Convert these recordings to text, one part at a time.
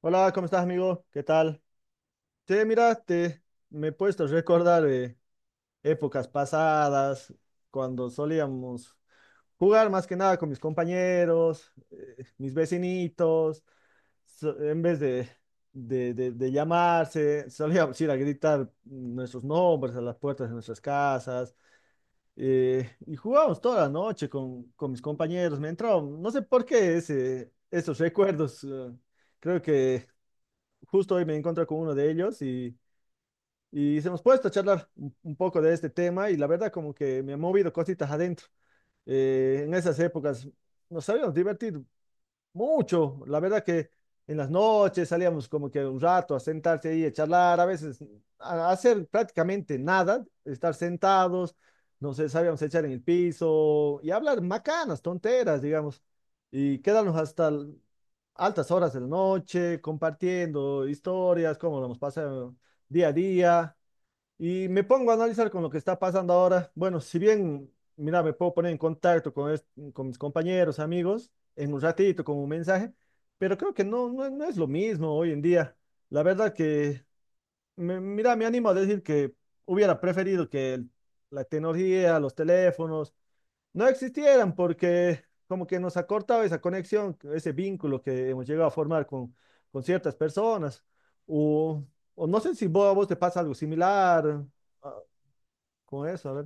Hola, ¿cómo estás, amigo? ¿Qué tal? Te mira, te me he puesto a recordar épocas pasadas cuando solíamos jugar más que nada con mis compañeros, mis vecinitos. En vez de llamarse, solíamos ir a gritar nuestros nombres a las puertas de nuestras casas. Y jugábamos toda la noche con mis compañeros. Me entró, no sé por qué esos recuerdos. Creo que justo hoy me encontré con uno de ellos y hemos puesto a charlar un poco de este tema y la verdad como que me ha movido cositas adentro. En esas épocas nos habíamos divertido mucho, la verdad que en las noches salíamos como que un rato a sentarse ahí, a charlar, a veces a hacer prácticamente nada, estar sentados, no sé, sabíamos echar en el piso y hablar macanas, tonteras, digamos, y quedarnos altas horas de la noche compartiendo historias, cómo lo hemos pasado día a día. Y me pongo a analizar con lo que está pasando ahora. Bueno, si bien, mira, me puedo poner en contacto con mis compañeros, amigos, en un ratito con un mensaje, pero creo que no es lo mismo hoy en día. La verdad que, mira, me animo a decir que hubiera preferido que la tecnología, los teléfonos, no existieran porque como que nos ha cortado esa conexión, ese vínculo que hemos llegado a formar con ciertas personas. O, o no sé si vos, a vos te pasa algo similar. ah, con eso, a ver.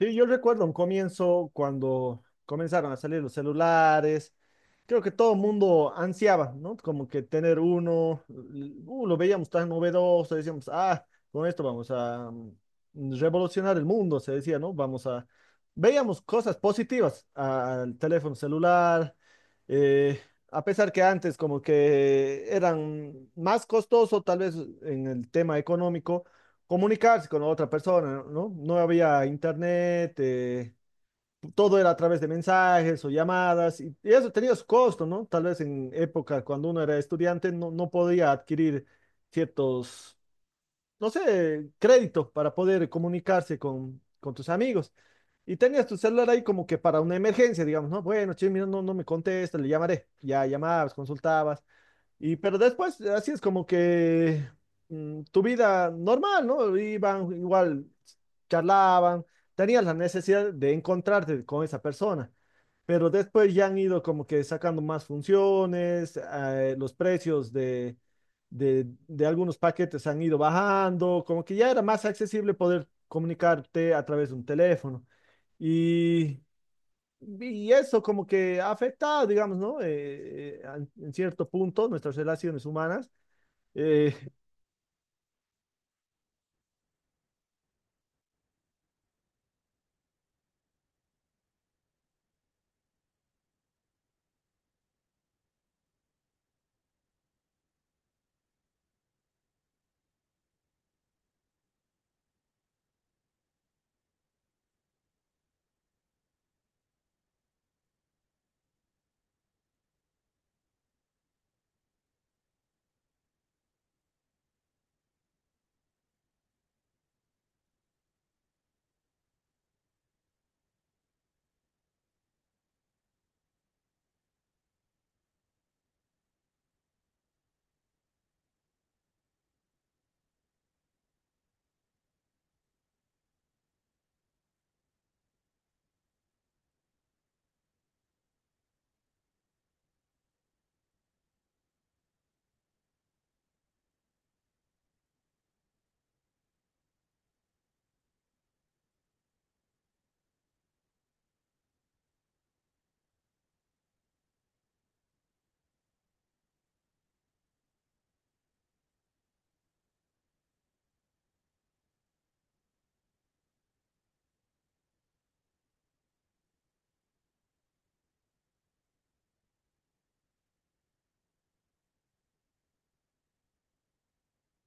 Sí, yo recuerdo un comienzo cuando comenzaron a salir los celulares. Creo que todo el mundo ansiaba, ¿no? Como que tener uno, lo veíamos tan novedoso, decíamos, ah, con esto vamos a revolucionar el mundo, se decía, ¿no? Vamos a... Veíamos cosas positivas al teléfono celular, eh, a pesar que antes como que eran más costoso tal vez en el tema económico. Comunicarse con otra persona, ¿no? No había internet, todo era a través de mensajes o llamadas, y eso tenía su costo, ¿no? Tal vez en época cuando uno era estudiante no podía adquirir ciertos, no sé, créditos para poder comunicarse con tus amigos. Y tenías tu celular ahí como que para una emergencia, digamos, ¿no? Bueno, che, mira, no me contesta, le llamaré. Ya llamabas, consultabas. Y pero después, así es como que tu vida normal, ¿no? Iban igual, charlaban, tenías la necesidad de encontrarte con esa persona, pero después ya han ido como que sacando más funciones, los precios de algunos paquetes han ido bajando, como que ya era más accesible poder comunicarte a través de un teléfono. Y y eso como que ha afectado, digamos, ¿no? En cierto punto nuestras relaciones humanas. Eh,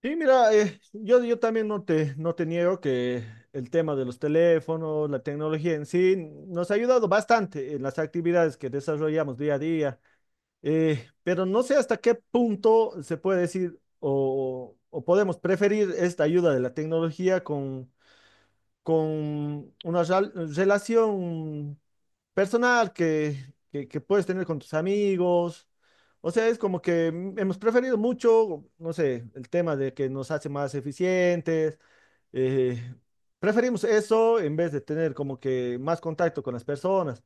y mira, yo también no te, no te niego que el tema de los teléfonos, la tecnología en sí, nos ha ayudado bastante en las actividades que desarrollamos día a día. Pero no sé hasta qué punto se puede decir o podemos preferir esta ayuda de la tecnología con una relación personal que puedes tener con tus amigos. O sea, es como que hemos preferido mucho, no sé, el tema de que nos hace más eficientes. eh, Preferimos eso en vez de tener como que más contacto con las personas.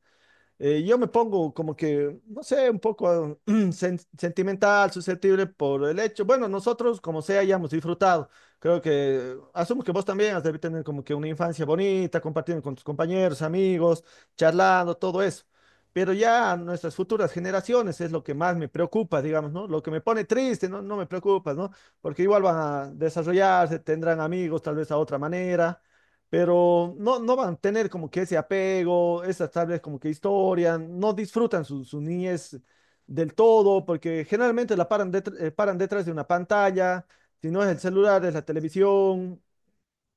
Yo me pongo como que, no sé, un poco sentimental, susceptible por el hecho. Bueno, nosotros, como sea, hayamos disfrutado. Creo que, asumo que vos también has de tener como que una infancia bonita, compartiendo con tus compañeros, amigos, charlando, todo eso. Pero ya nuestras futuras generaciones es lo que más me preocupa, digamos, ¿no? Lo que me pone triste, no, no me preocupa, ¿no? Porque igual van a desarrollarse, tendrán amigos tal vez a otra manera, pero no van a tener como que ese apego, esas tablas como que historia, no disfrutan su, su niñez del todo, porque generalmente la paran, paran detrás de una pantalla, si no es el celular, es la televisión,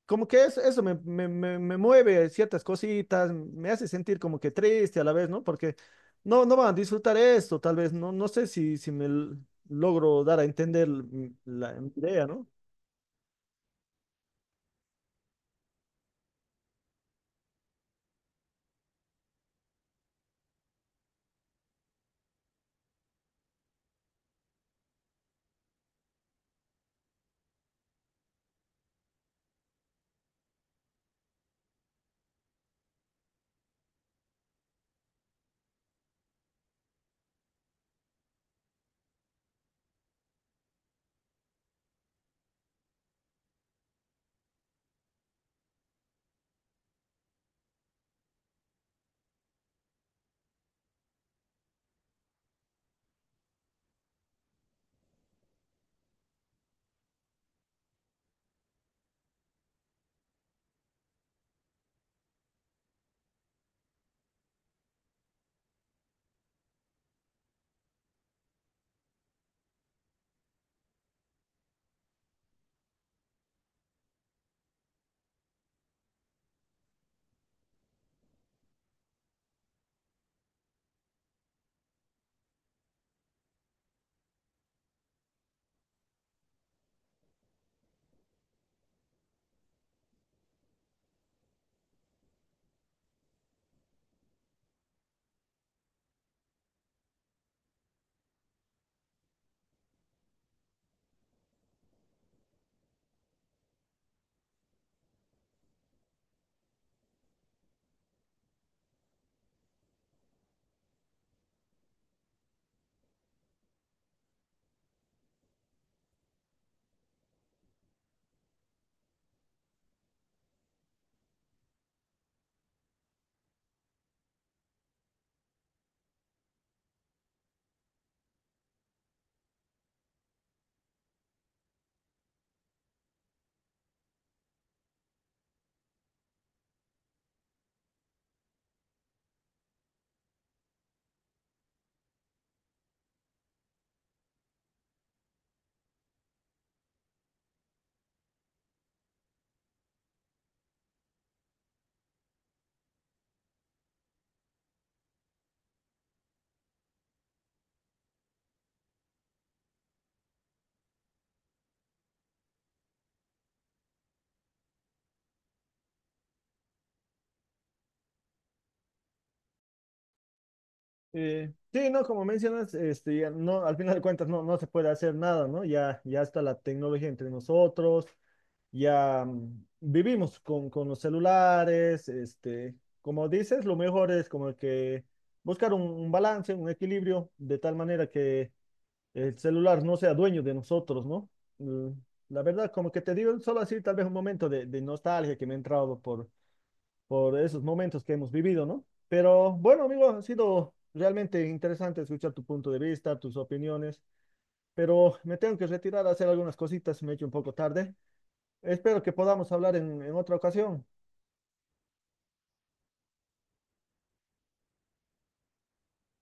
como que eso me mueve ciertas cositas, me hace sentir como que triste a la vez, ¿no? Porque no van a disfrutar esto, tal vez, no, no sé si me logro dar a entender la mi idea, ¿no? Sí, no, como mencionas, este, ya no, al final de cuentas no se puede hacer nada, ¿no? Ya está la tecnología entre nosotros, ya vivimos con los celulares, este, como dices, lo mejor es como que buscar un balance, un equilibrio, de tal manera que el celular no sea dueño de nosotros, ¿no? Mm, la verdad, como que te digo, solo así tal vez un momento de nostalgia que me ha entrado por esos momentos que hemos vivido, ¿no? Pero bueno, amigo, ha sido realmente interesante escuchar tu punto de vista, tus opiniones, pero me tengo que retirar a hacer algunas cositas, me he hecho un poco tarde. Espero que podamos hablar en otra ocasión.